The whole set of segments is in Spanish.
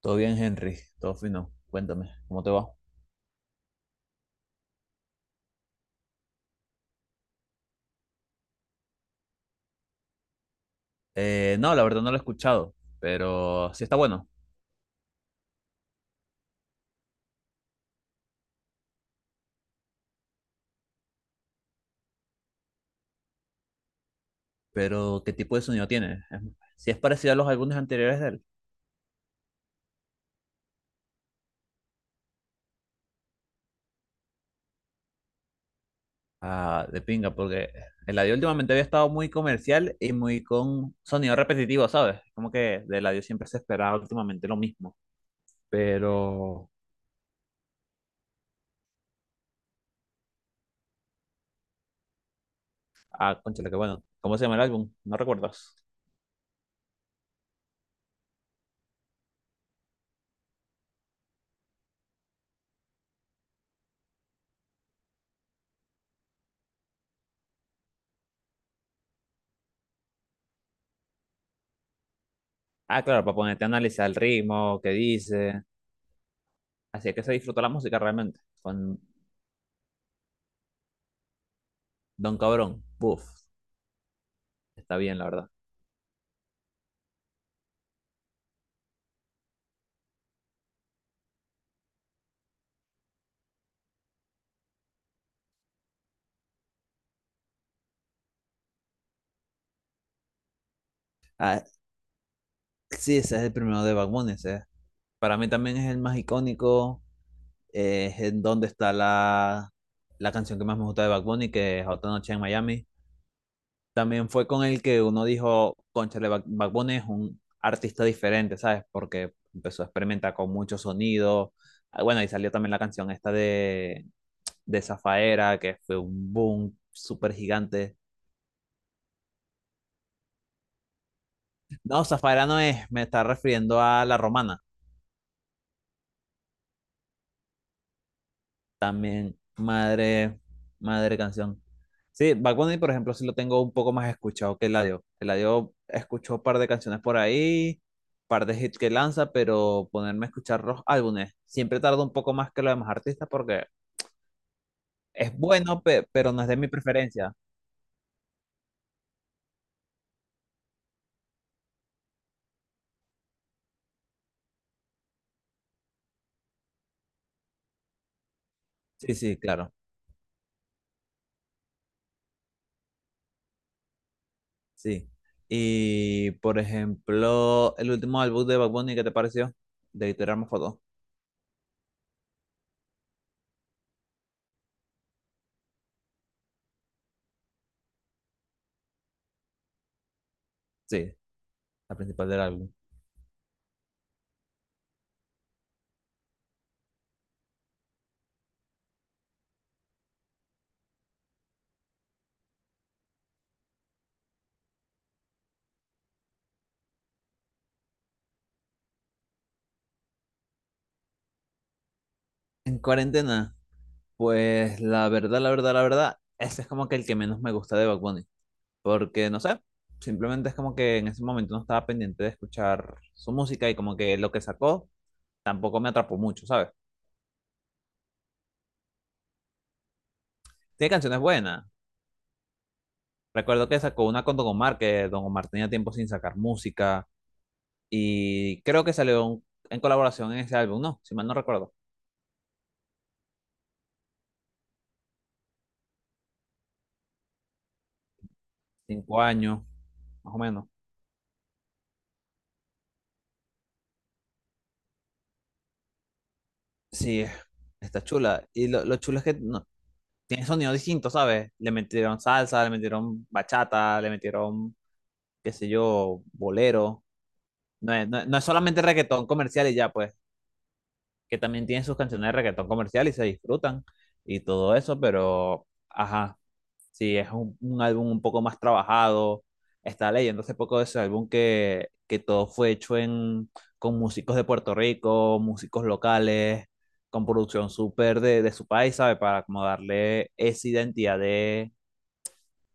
Todo bien, Henry, todo fino. Cuéntame, ¿cómo te va? No, la verdad no lo he escuchado, pero sí está bueno. ¿Qué tipo de sonido tiene? Si es parecido a los álbumes anteriores de él. Ah, de pinga, porque Eladio últimamente había estado muy comercial y muy con sonido repetitivo, ¿sabes? Como que de Eladio siempre se esperaba últimamente lo mismo. Pero, Cónchale, qué bueno. ¿Cómo se llama el álbum? ¿No recuerdas? Ah, claro, para ponerte a analizar el ritmo, qué dice. Así es que se disfruta la música realmente, con Don Cabrón. Buf. Está bien, la verdad. Ah, sí, ese es el primero de Bad Bunny, ese. Para mí también es el más icónico. Es en donde está la canción que más me gusta de Bad Bunny, que es Otra Noche en Miami. También fue con el que uno dijo, cónchale, Bad Bunny es un artista diferente, ¿sabes? Porque empezó a experimentar con muchos sonidos. Ah, bueno, y salió también la canción de Zafaera, que fue un boom súper gigante. No, Zafaera no es, me está refiriendo a La Romana. También, madre canción. Sí, Bad Bunny, por ejemplo, sí lo tengo un poco más escuchado que Eladio. Eladio escuchó un par de canciones por ahí, par de hits que lanza, pero ponerme a escuchar los álbumes siempre tarda un poco más que los demás artistas porque es bueno, pero no es de mi preferencia. Sí, sí, claro, sí. Y, por ejemplo, el último álbum de Bad Bunny, ¿qué te pareció? De Tirarme Fotos. Sí, la principal del álbum. En cuarentena. Pues la verdad, ese es como que el que menos me gusta de Bad Bunny. Porque no sé, simplemente es como que en ese momento no estaba pendiente de escuchar su música y como que lo que sacó tampoco me atrapó mucho, ¿sabes? Tiene canciones buenas. Recuerdo que sacó una con Don Omar, que Don Omar tenía tiempo sin sacar música. Y creo que salió en colaboración en ese álbum, ¿no? Si mal no recuerdo. 5 años, más o menos. Sí, está chula. Y lo chulo es que no, tiene sonidos distintos, ¿sabes? Le metieron salsa, le metieron bachata, qué sé yo, bolero. No es solamente reggaetón comercial y ya, pues, que también tienen sus canciones de reggaetón comercial y se disfrutan y todo eso, pero, ajá, sí, es un álbum un poco más trabajado. Estaba leyendo hace poco de ese álbum que todo fue hecho en, con músicos de Puerto Rico, músicos locales, con producción súper de su país, ¿sabes? Para como darle esa identidad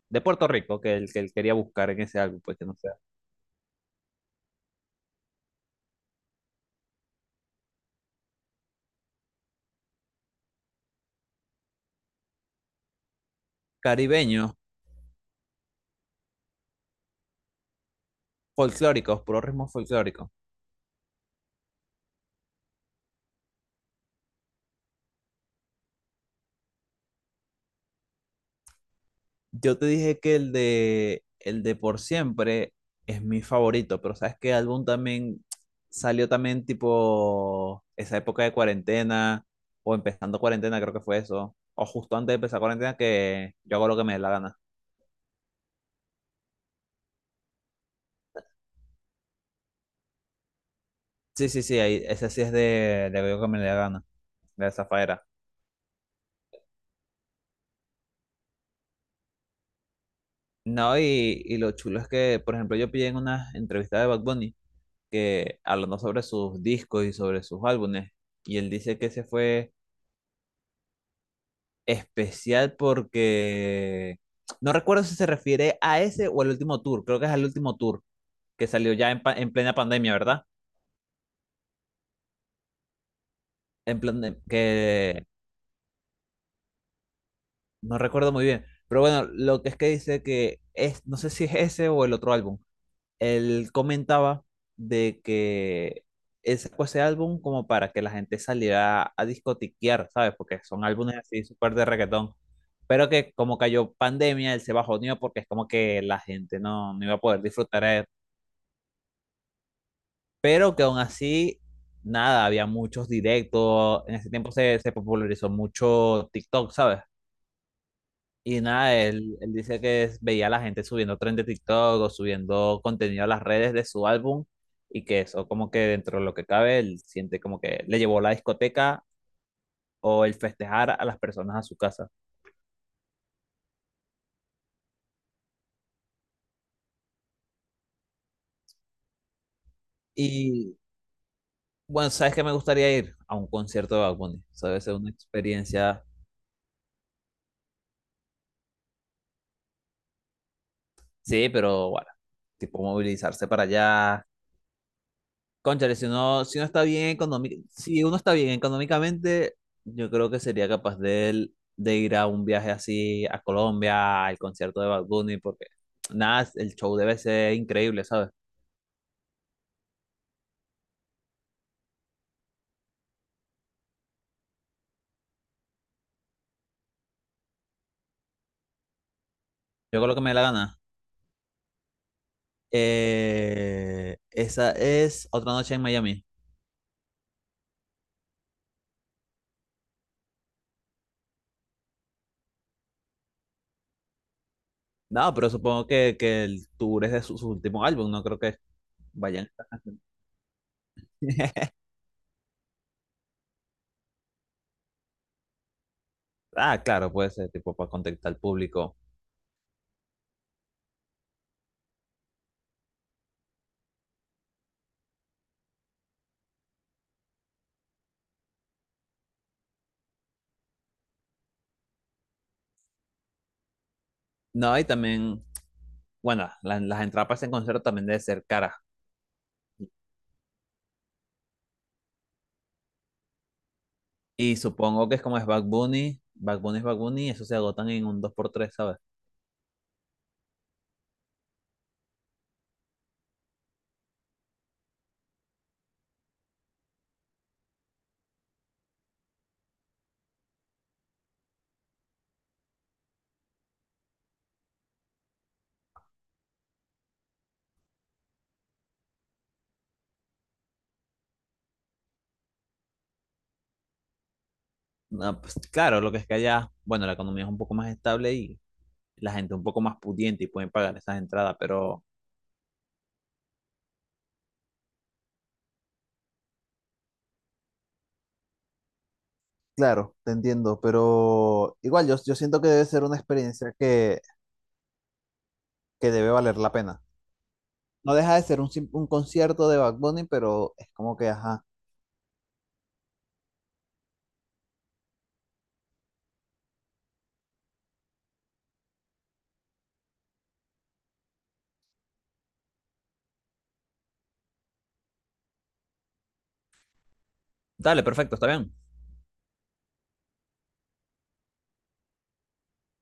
de Puerto Rico, que él quería buscar en ese álbum, pues que no sea. Caribeños, folclóricos, puro ritmo folclórico. Yo te dije que el de Por Siempre es mi favorito, pero ¿sabes qué álbum también salió también tipo esa época de cuarentena o empezando cuarentena, creo que fue eso, o justo antes de empezar cuarentena que yo hago lo que me dé la gana. Sí, sí, sí, ahí, ese sí es de lo que me dé la gana, de esa faera. No, y lo chulo es que, por ejemplo, yo pillé en una entrevista de Bad Bunny que hablando sobre sus discos y sobre sus álbumes, y él dice que ese fue especial porque no recuerdo si se refiere a ese o al último tour, creo que es al último tour que salió ya en, en plena pandemia, ¿verdad? En plan que no recuerdo muy bien, pero bueno, lo que es que dice que es, no sé si es ese o el otro álbum él comentaba de que él sacó ese álbum como para que la gente saliera a discotiquear, ¿sabes? Porque son álbumes así súper de reggaetón. Pero que como cayó pandemia, él se bajoneó porque es como que la gente no iba a poder disfrutar. Pero que aún así, nada, había muchos directos. En ese tiempo se popularizó mucho TikTok, ¿sabes? Y nada, él dice veía a la gente subiendo trend de TikTok o subiendo contenido a las redes de su álbum y que eso como que dentro de lo que cabe, él siente como que le llevó la discoteca o el festejar a las personas a su casa. Y bueno, ¿sabes qué me gustaría ir? A un concierto de Bad Bunny. Eso debe ser una experiencia, sí, pero bueno, tipo movilizarse para allá. Cónchale, si uno está si uno está bien económicamente, yo creo que sería capaz de ir a un viaje así a Colombia, al concierto de Bad Bunny, porque nada, el show debe ser increíble, ¿sabes? Yo creo que me dé la gana. Esa es Otra Noche en Miami. No, pero supongo que el tour es de su último álbum, no creo que vayan estas canciones. Ah, claro, puede ser tipo para contactar al público. No, y también, bueno, las entradas para ese concierto también debe ser caras. Y supongo que es como es Bad Bunny, Bad Bunny es Bad Bunny, eso se agotan en un dos por tres, sabes. No, pues, claro, lo que es que allá, bueno, la economía es un poco más estable y la gente un poco más pudiente y pueden pagar esas entradas, pero claro, te entiendo, pero igual yo siento que debe ser una experiencia que debe valer la pena. No deja de ser un concierto de Bad Bunny, pero es como que, ajá, dale, perfecto, está bien.